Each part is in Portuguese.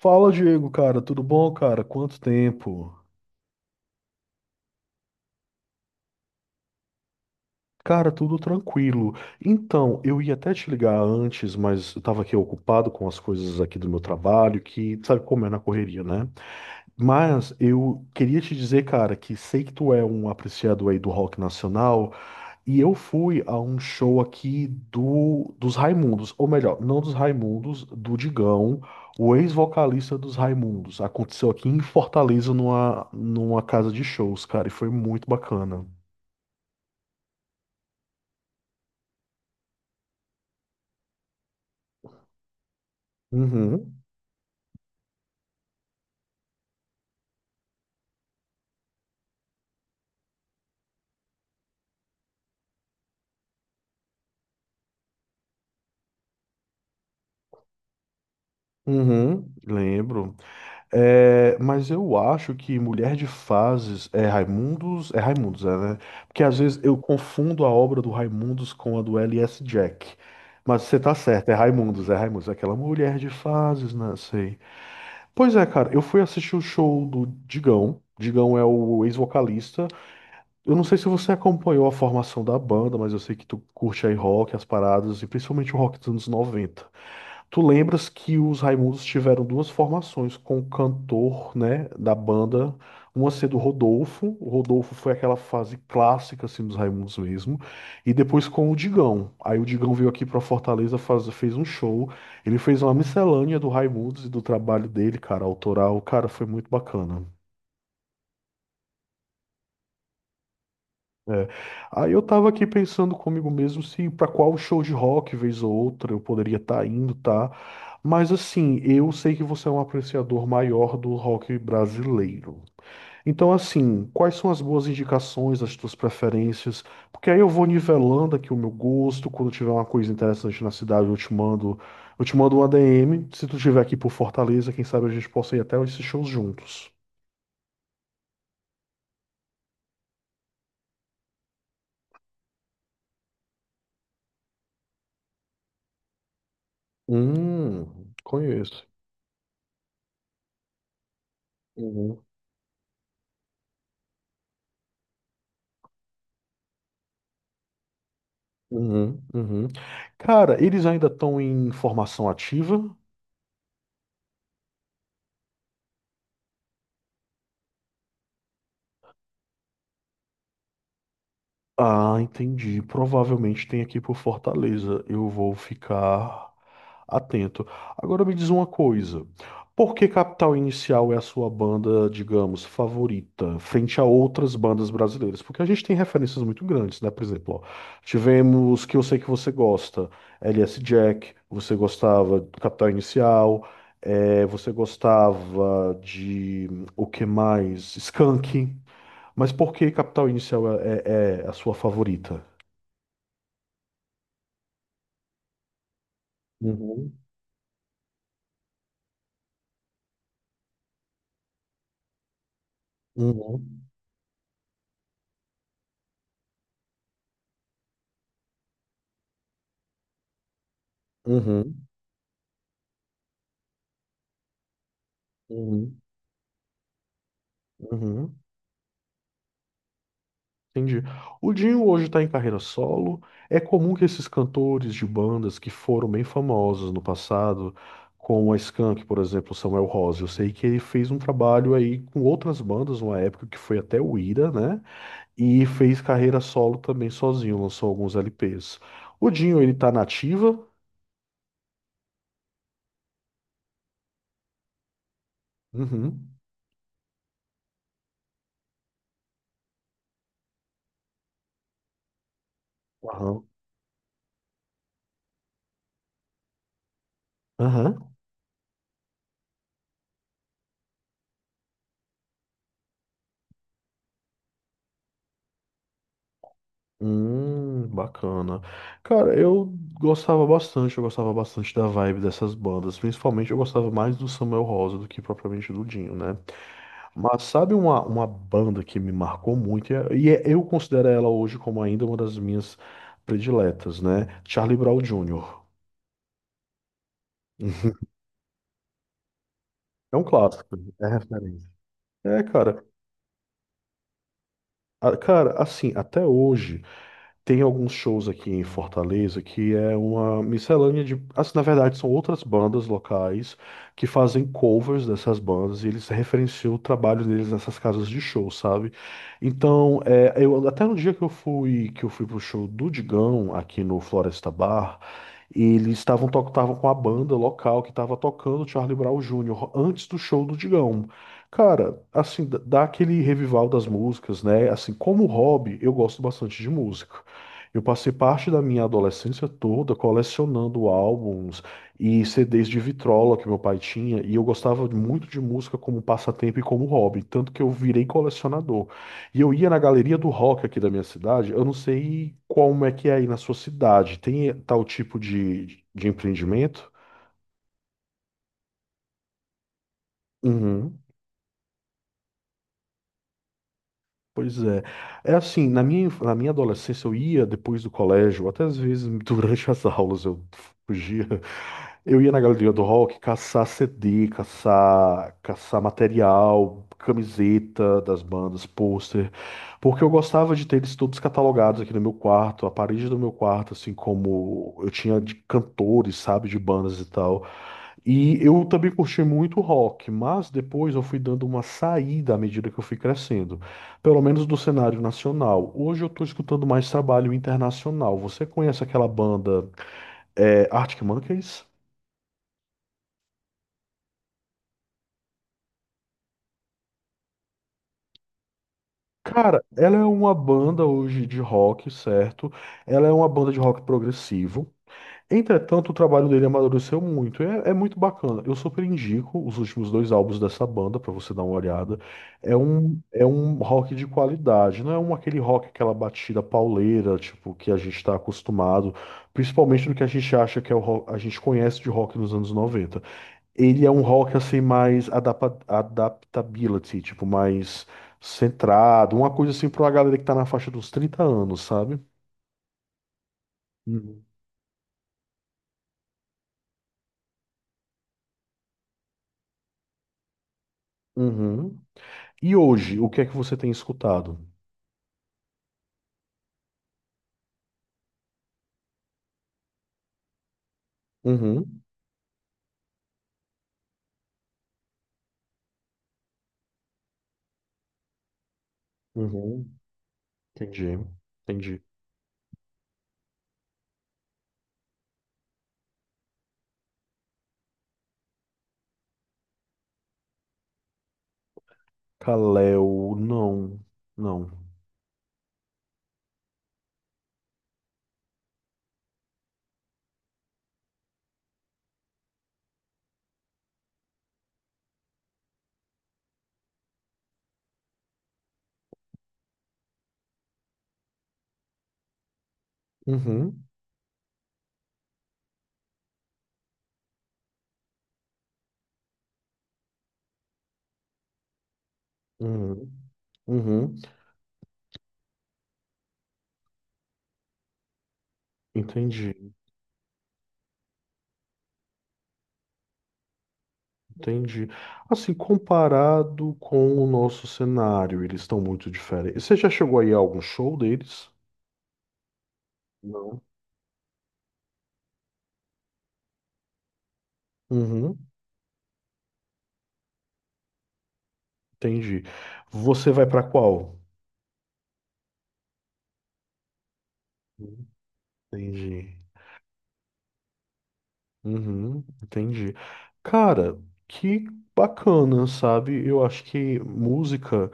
Fala, Diego, cara, tudo bom, cara? Quanto tempo? Cara, tudo tranquilo. Então, eu ia até te ligar antes, mas eu tava aqui ocupado com as coisas aqui do meu trabalho, que sabe como é na correria, né? Mas eu queria te dizer, cara, que sei que tu é um apreciador aí do rock nacional. E eu fui a um show aqui dos Raimundos, ou melhor, não dos Raimundos, do Digão, o ex-vocalista dos Raimundos. Aconteceu aqui em Fortaleza, numa casa de shows, cara, e foi muito bacana. Uhum, uhum, lembro. É, mas eu acho que Mulher de Fases é Raimundos, é Raimundos, é, né? Porque às vezes eu confundo a obra do Raimundos com a do L.S. Jack. Mas você tá certo, é Raimundos, é Raimundos, é aquela Mulher de Fases, né? Sei. Pois é, cara, eu fui assistir o show do Digão. Digão é o ex-vocalista. Eu não sei se você acompanhou a formação da banda, mas eu sei que tu curte aí rock, as paradas, e principalmente o rock dos anos 90. Tu lembras que os Raimundos tiveram duas formações com o cantor, né, da banda, uma sendo o Rodolfo foi aquela fase clássica assim dos Raimundos mesmo, e depois com o Digão. Aí o Digão veio aqui pra Fortaleza, fez um show, ele fez uma miscelânea do Raimundos e do trabalho dele, cara, autoral, cara, foi muito bacana. É. Aí eu tava aqui pensando comigo mesmo se pra qual show de rock, vez ou outra, eu poderia estar indo, tá? Mas assim, eu sei que você é um apreciador maior do rock brasileiro. Então, assim, quais são as boas indicações, as tuas preferências? Porque aí eu vou nivelando aqui o meu gosto. Quando tiver uma coisa interessante na cidade, eu te mando um ADM. Se tu estiver aqui por Fortaleza, quem sabe a gente possa ir até esses shows juntos. Hum, conheço. Uhum, uhum. Cara, eles ainda estão em formação ativa? Ah, entendi. Provavelmente tem aqui por Fortaleza. Eu vou ficar atento. Agora me diz uma coisa. Por que Capital Inicial é a sua banda, digamos, favorita, frente a outras bandas brasileiras? Porque a gente tem referências muito grandes, né? Por exemplo, ó, tivemos que eu sei que você gosta, LS Jack, você gostava do Capital Inicial, você gostava de o que mais? Skank. Mas por que Capital Inicial é a sua favorita? Uhum, uhum, uhum, uhum, uhum, entendi. O Dinho hoje está em carreira solo. É comum que esses cantores de bandas que foram bem famosos no passado, como a Skank, por exemplo, Samuel Rose, eu sei que ele fez um trabalho aí com outras bandas, uma época que foi até o Ira, né? E fez carreira solo também sozinho, lançou alguns LPs. O Dinho, ele tá na ativa. Uhum. Aham. Aham. Bacana. Cara, eu gostava bastante da vibe dessas bandas. Principalmente eu gostava mais do Samuel Rosa do que propriamente do Dinho, né? Mas sabe uma banda que me marcou muito, eu considero ela hoje como ainda uma das minhas prediletas, né? Charlie Brown Jr. É um clássico, é referência. É, cara, cara, assim, até hoje. Tem alguns shows aqui em Fortaleza que é uma miscelânea de. Assim, na verdade, são outras bandas locais que fazem covers dessas bandas e eles referenciam o trabalho deles nessas casas de show, sabe? Então, até no dia que eu fui pro show do Digão aqui no Floresta Bar, eles estavam estavam com a banda local que estava tocando Charlie Brown Júnior antes do show do Digão. Cara, assim, dá aquele revival das músicas, né? Assim, como hobby, eu gosto bastante de música. Eu passei parte da minha adolescência toda colecionando álbuns e CDs de vitrola que meu pai tinha, e eu gostava muito de música como passatempo e como hobby, tanto que eu virei colecionador. E eu ia na galeria do rock aqui da minha cidade, eu não sei como é que é aí na sua cidade, tem tal tipo de empreendimento? Uhum. Pois é. É assim, na minha adolescência eu ia depois do colégio, até às vezes durante as aulas eu fugia. Eu ia na galeria do rock caçar CD, caçar material, camiseta das bandas, pôster, porque eu gostava de ter eles todos catalogados aqui no meu quarto, a parede do meu quarto, assim como eu tinha de cantores, sabe, de bandas e tal. E eu também curti muito rock, mas depois eu fui dando uma saída à medida que eu fui crescendo, pelo menos do cenário nacional. Hoje eu estou escutando mais trabalho internacional. Você conhece aquela banda Arctic Monkeys? Cara, ela é uma banda hoje de rock, certo? Ela é uma banda de rock progressivo. Entretanto, o trabalho dele amadureceu muito. É muito bacana. Eu super indico os últimos dois álbuns dessa banda para você dar uma olhada. É um rock de qualidade, não é um aquele rock, aquela batida pauleira, tipo, que a gente está acostumado, principalmente no que a gente acha que é o rock, a gente conhece de rock nos anos 90. Ele é um rock assim mais adaptability, tipo, mais centrado, uma coisa assim para uma galera que tá na faixa dos 30 anos, sabe? Uhum. Uhum. E hoje, o que é que você tem escutado? Uhum, uhum, entendi, entendi. Kaleo, não, não. Uhum, uhum, uhum, entendi, entendi. Assim, comparado com o nosso cenário, eles estão muito diferentes. Você já chegou aí a algum show deles? Não. Uhum, entendi. Você vai pra qual? Entendi. Uhum, entendi. Cara, que bacana, sabe? Eu acho que música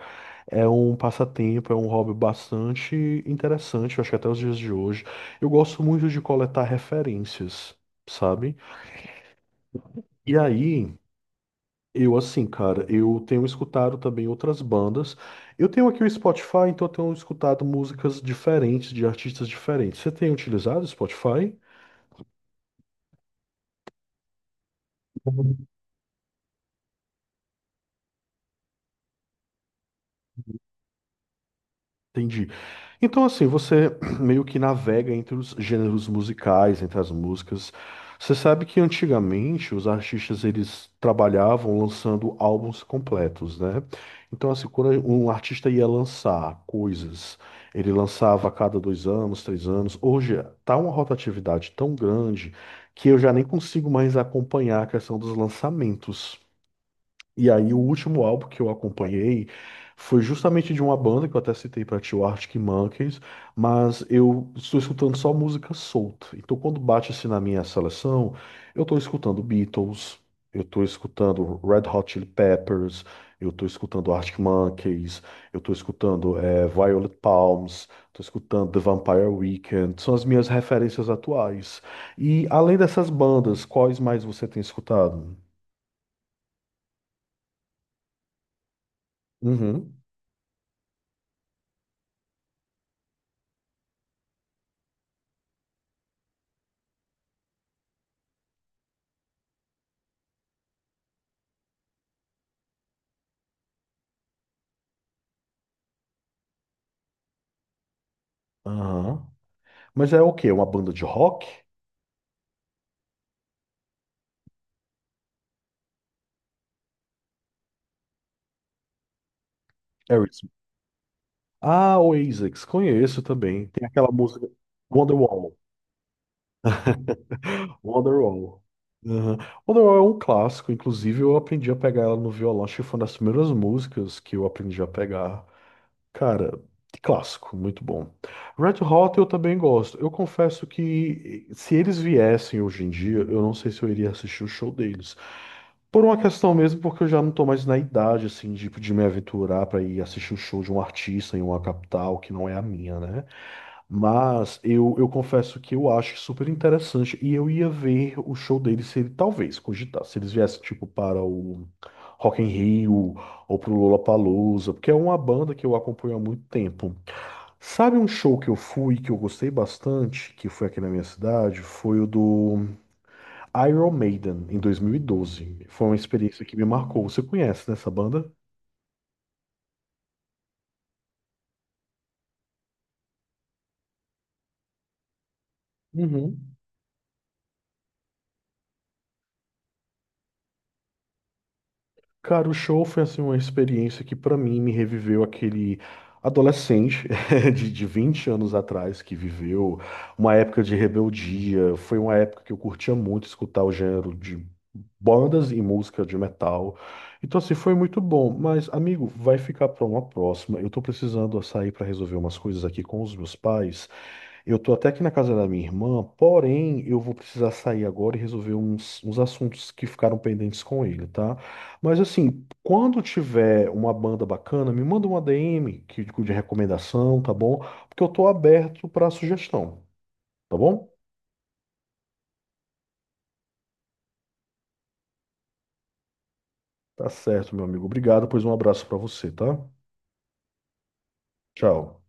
é um passatempo, é um hobby bastante interessante, eu acho que até os dias de hoje. Eu gosto muito de coletar referências, sabe? E aí, eu assim, cara, eu tenho escutado também outras bandas. Eu tenho aqui o Spotify, então eu tenho escutado músicas diferentes, de artistas diferentes. Você tem utilizado o Spotify? Entendi. Então, assim, você meio que navega entre os gêneros musicais, entre as músicas. Você sabe que antigamente os artistas eles trabalhavam lançando álbuns completos, né? Então, assim, quando um artista ia lançar coisas, ele lançava a cada 2 anos, 3 anos. Hoje tá uma rotatividade tão grande que eu já nem consigo mais acompanhar a questão dos lançamentos. E aí, o último álbum que eu acompanhei foi justamente de uma banda que eu até citei pra ti, o Arctic Monkeys, mas eu estou escutando só música solta. Então, quando bate assim na minha seleção, eu estou escutando Beatles, eu estou escutando Red Hot Chili Peppers, eu estou escutando Arctic Monkeys, eu estou escutando Violet Palms, estou escutando The Vampire Weekend. São as minhas referências atuais. E além dessas bandas, quais mais você tem escutado? Uhum. Aham. Mas é o quê? Uma banda de rock? Aerosmith. Ah, Oasis, conheço também. Tem aquela música Wonderwall. Wonderwall. Uhum. Wonderwall é um clássico, inclusive eu aprendi a pegar ela no violão, acho que foi uma das primeiras músicas que eu aprendi a pegar. Cara, clássico, muito bom. Red Hot eu também gosto. Eu confesso que se eles viessem hoje em dia, eu não sei se eu iria assistir o show deles. Por uma questão mesmo, porque eu já não tô mais na idade, assim, de me aventurar pra ir assistir o show de um artista em uma capital que não é a minha, né? Mas eu confesso que eu acho super interessante e eu ia ver o show deles se ele, talvez, cogitar, se eles viessem, tipo, para o Rock in Rio ou pro Lollapalooza, porque é uma banda que eu acompanho há muito tempo. Sabe um show que eu fui, que eu gostei bastante, que foi aqui na minha cidade? Foi o do Iron Maiden, em 2012. Foi uma experiência que me marcou. Você conhece, né, essa banda? Uhum. Cara, o show foi assim uma experiência que pra mim me reviveu aquele adolescente de 20 anos atrás que viveu uma época de rebeldia. Foi uma época que eu curtia muito escutar o gênero de bandas e música de metal. Então assim, foi muito bom, mas amigo, vai ficar pra uma próxima. Eu tô precisando sair pra resolver umas coisas aqui com os meus pais. Eu tô até aqui na casa da minha irmã, porém eu vou precisar sair agora e resolver uns assuntos que ficaram pendentes com ele, tá? Mas assim, quando tiver uma banda bacana, me manda uma DM que, de recomendação, tá bom? Porque eu tô aberto pra sugestão, tá bom? Tá certo, meu amigo. Obrigado, pois um abraço pra você, tá? Tchau.